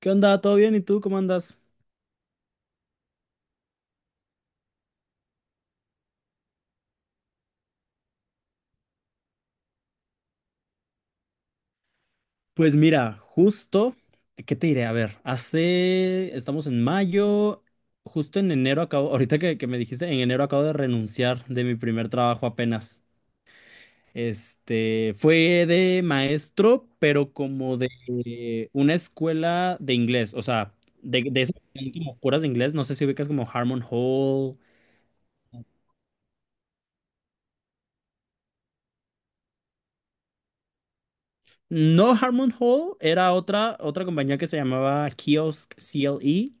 ¿Qué onda? ¿Todo bien? ¿Y tú cómo andas? Pues mira, justo, ¿qué te diré? A ver, estamos en mayo, justo en enero acabo, ahorita que me dijiste, en enero acabo de renunciar de mi primer trabajo apenas. Fue de maestro, pero como de una escuela de inglés, o sea, de esas que tienen como puras de inglés, no sé si ubicas como Harmon Hall. No, Harmon Hall era otra compañía que se llamaba Kiosk CLE.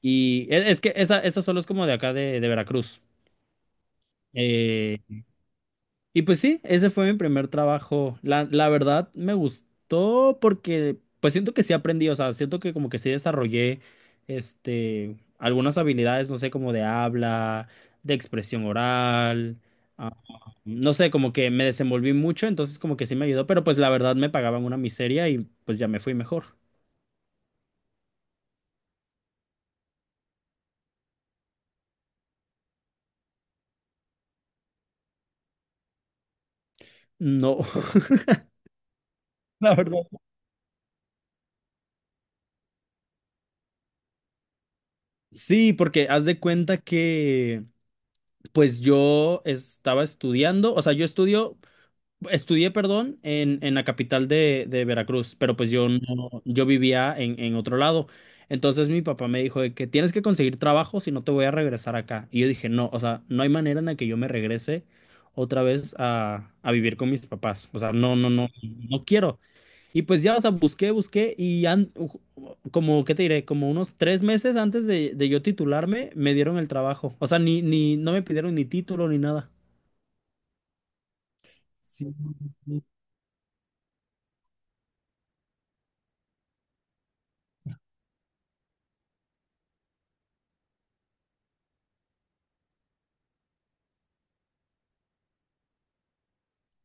Y es que esa solo es como de acá de Veracruz. Eh, y pues sí, ese fue mi primer trabajo. La verdad me gustó porque pues siento que sí aprendí, o sea, siento que como que sí desarrollé algunas habilidades, no sé, como de habla, de expresión oral, ah, no sé, como que me desenvolví mucho, entonces como que sí me ayudó, pero pues la verdad me pagaban una miseria y pues ya me fui mejor. No, la verdad. Sí, porque haz de cuenta que pues yo estaba estudiando, o sea, yo estudio, estudié, perdón, en, la capital de Veracruz, pero pues yo no, yo vivía en, otro lado. Entonces mi papá me dijo de que tienes que conseguir trabajo si no te voy a regresar acá. Y yo dije, no, o sea, no hay manera en la que yo me regrese otra vez a, vivir con mis papás. O sea, no, no, no, no quiero. Y pues ya, o sea, busqué, busqué y como, ¿qué te diré? Como unos 3 meses antes de yo titularme, me dieron el trabajo. O sea, ni, ni, no me pidieron ni título ni nada. Sí.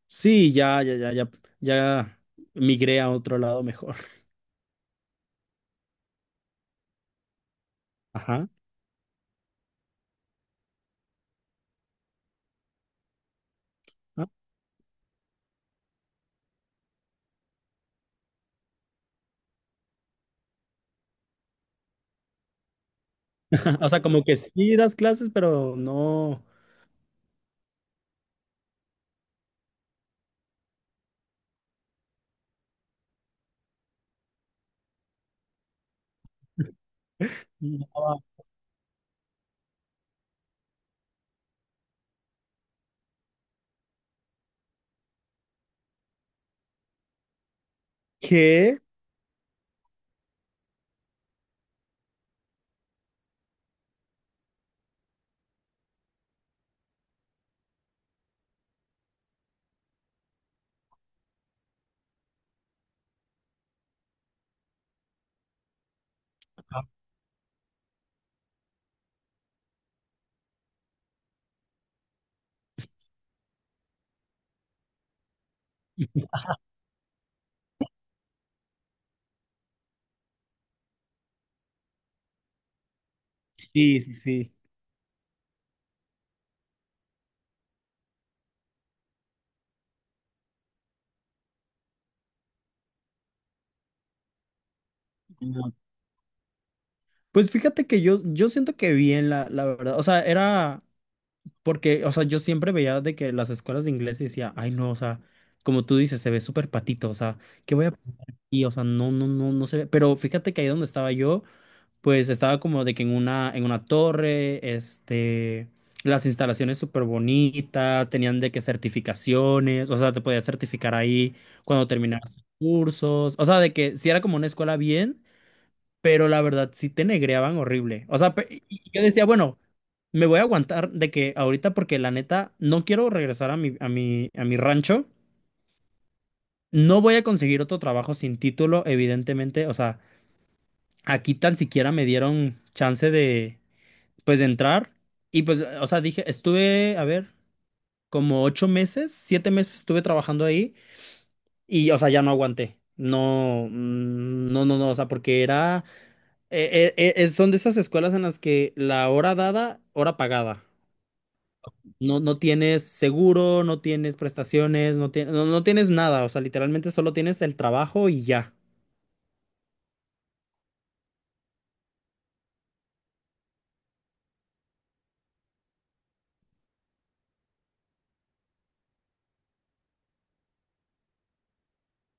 Sí, ya, ya, ya, ya, ya migré a otro lado mejor. Ajá. O sea, como que sí das clases, pero no. No. ¿Qué? Ah, Sí, sí, sí. No. Pues fíjate que yo siento que bien, la verdad. O sea, era. Porque, o sea, yo siempre veía de que las escuelas de inglés y decía, ay, no, o sea, como tú dices, se ve súper patito, o sea, ¿qué voy a y o sea, no, no, no, no se ve? Pero fíjate que ahí donde estaba yo, pues estaba como de que en una, torre, las instalaciones súper bonitas, tenían de que certificaciones, o sea, te podías certificar ahí cuando terminaras tus cursos, o sea, de que si era como una escuela bien, pero la verdad sí te negreaban horrible. O sea, y yo decía, bueno, me voy a aguantar de que ahorita porque la neta no quiero regresar a mi rancho. No voy a conseguir otro trabajo sin título, evidentemente, o sea, aquí tan siquiera me dieron chance de pues de entrar y pues o sea, dije, estuve, a ver, como 8 meses, 7 meses estuve trabajando ahí y o sea, ya no aguanté. No, no, no, no, o sea, porque era son de esas escuelas en las que la hora dada, hora pagada. No, no tienes seguro, no tienes prestaciones, no, no, no tienes nada. O sea, literalmente solo tienes el trabajo y ya.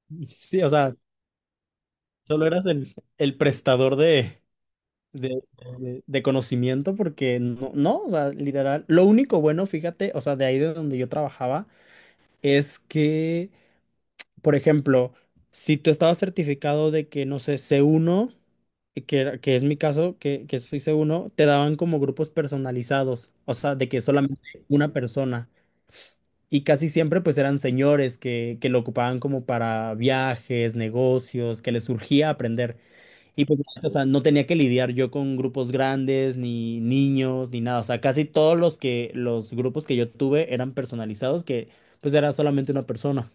Sí, o sea, solo eras el prestador de, de conocimiento porque no, no, o sea, literal. Lo único bueno, fíjate, o sea, de ahí de donde yo trabajaba, es que, por ejemplo, si tú estabas certificado de que, no sé, C1 que, que es mi caso, que soy C1, te daban como grupos personalizados, o sea, de que solamente una persona. Y casi siempre pues eran señores que lo ocupaban como para viajes, negocios, que les surgía aprender. Y pues, o sea, no tenía que lidiar yo con grupos grandes, ni niños, ni nada. O sea, casi todos los que, los grupos que yo tuve eran personalizados, que pues era solamente una persona.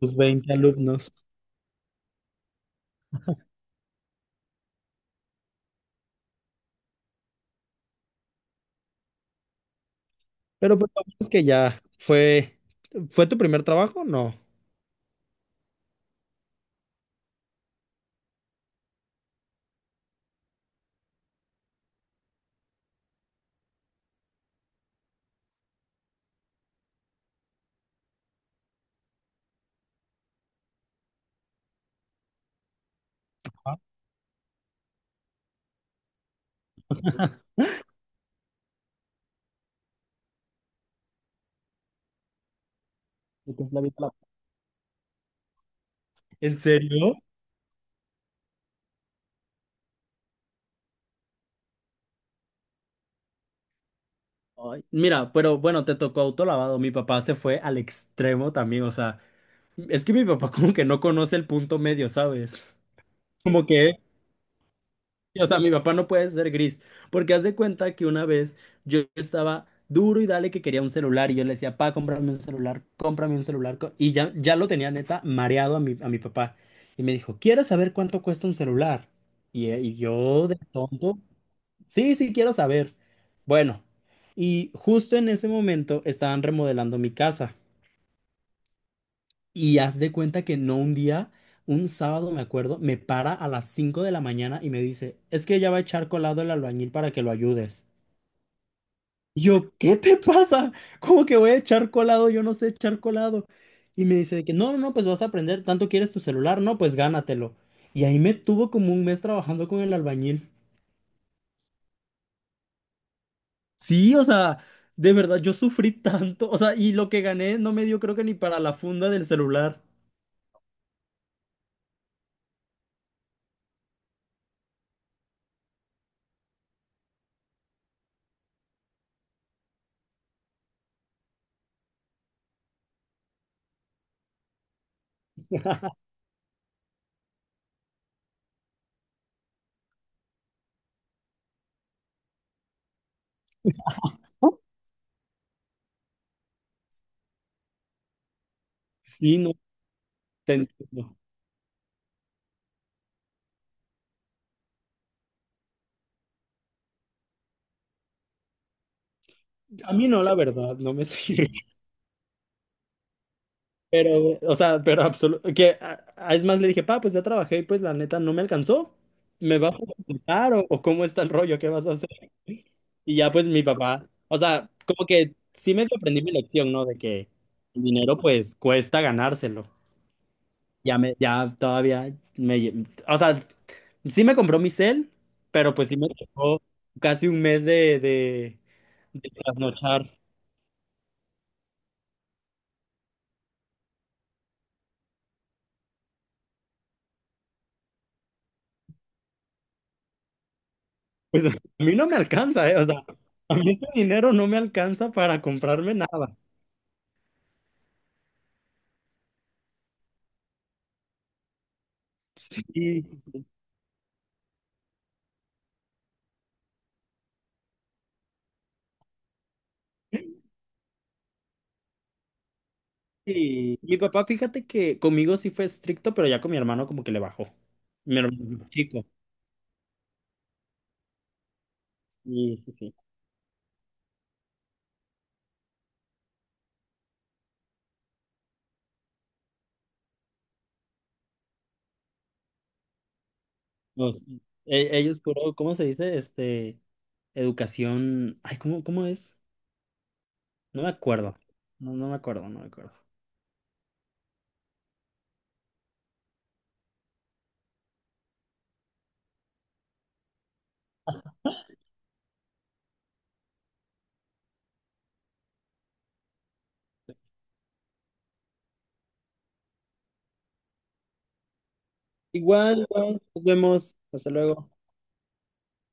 Tus 20 alumnos. Pero pues lo bueno es que ya fue. ¿Fue tu primer trabajo? No. Ajá. Lo que es la vida laboral. ¿En serio? Ay, mira, pero bueno, te tocó autolavado. Mi papá se fue al extremo también, o sea, es que mi papá como que no conoce el punto medio, ¿sabes? Como que, o sea, mi papá no puede ser gris, porque haz de cuenta que una vez yo estaba duro y dale que quería un celular y yo le decía, pa, cómprame un celular, y ya lo tenía neta mareado a mi, papá. Y me dijo, ¿quieres saber cuánto cuesta un celular? Y yo de tonto, sí, sí, quiero saber. Bueno, y justo en ese momento estaban remodelando mi casa. Y haz de cuenta que no un día, un sábado me acuerdo, me para a las 5 de la mañana y me dice, es que ya va a echar colado el albañil para que lo ayudes. Y yo, ¿qué te pasa? ¿Cómo que voy a echar colado? Yo no sé echar colado. Y me dice de que no, no, no, pues vas a aprender, tanto quieres tu celular, no, pues gánatelo. Y ahí me tuvo como un mes trabajando con el albañil. Sí, o sea, de verdad, yo sufrí tanto, o sea, y lo que gané no me dio creo que ni para la funda del celular. Sí, no, te entiendo. A mí no, la verdad, no me sirve. Pero, o sea, pero absoluto. Que es más, le dije, pa, pues ya trabajé y pues la neta no me alcanzó. ¿Me vas a comprar o, cómo está el rollo? ¿Qué vas a hacer? Y ya, pues mi papá, o sea, como que sí me aprendí mi lección, ¿no? De que el dinero, pues cuesta ganárselo. Ya me, ya todavía me. O sea, sí me compró mi cel, pero pues sí me tocó casi un mes de, trasnochar. Pues a mí no me alcanza, ¿eh? O sea, a mí este dinero no me alcanza para comprarme nada. Y, y mi papá, fíjate que conmigo sí fue estricto, pero ya con mi hermano como que le bajó. Mi hermano es chico. Sí, sí, sí. No, sí. Ellos puro, ¿cómo se dice? Educación. Ay, ¿cómo es? No me acuerdo. No, no me acuerdo, no me acuerdo. Igual, igual, nos vemos. Hasta luego.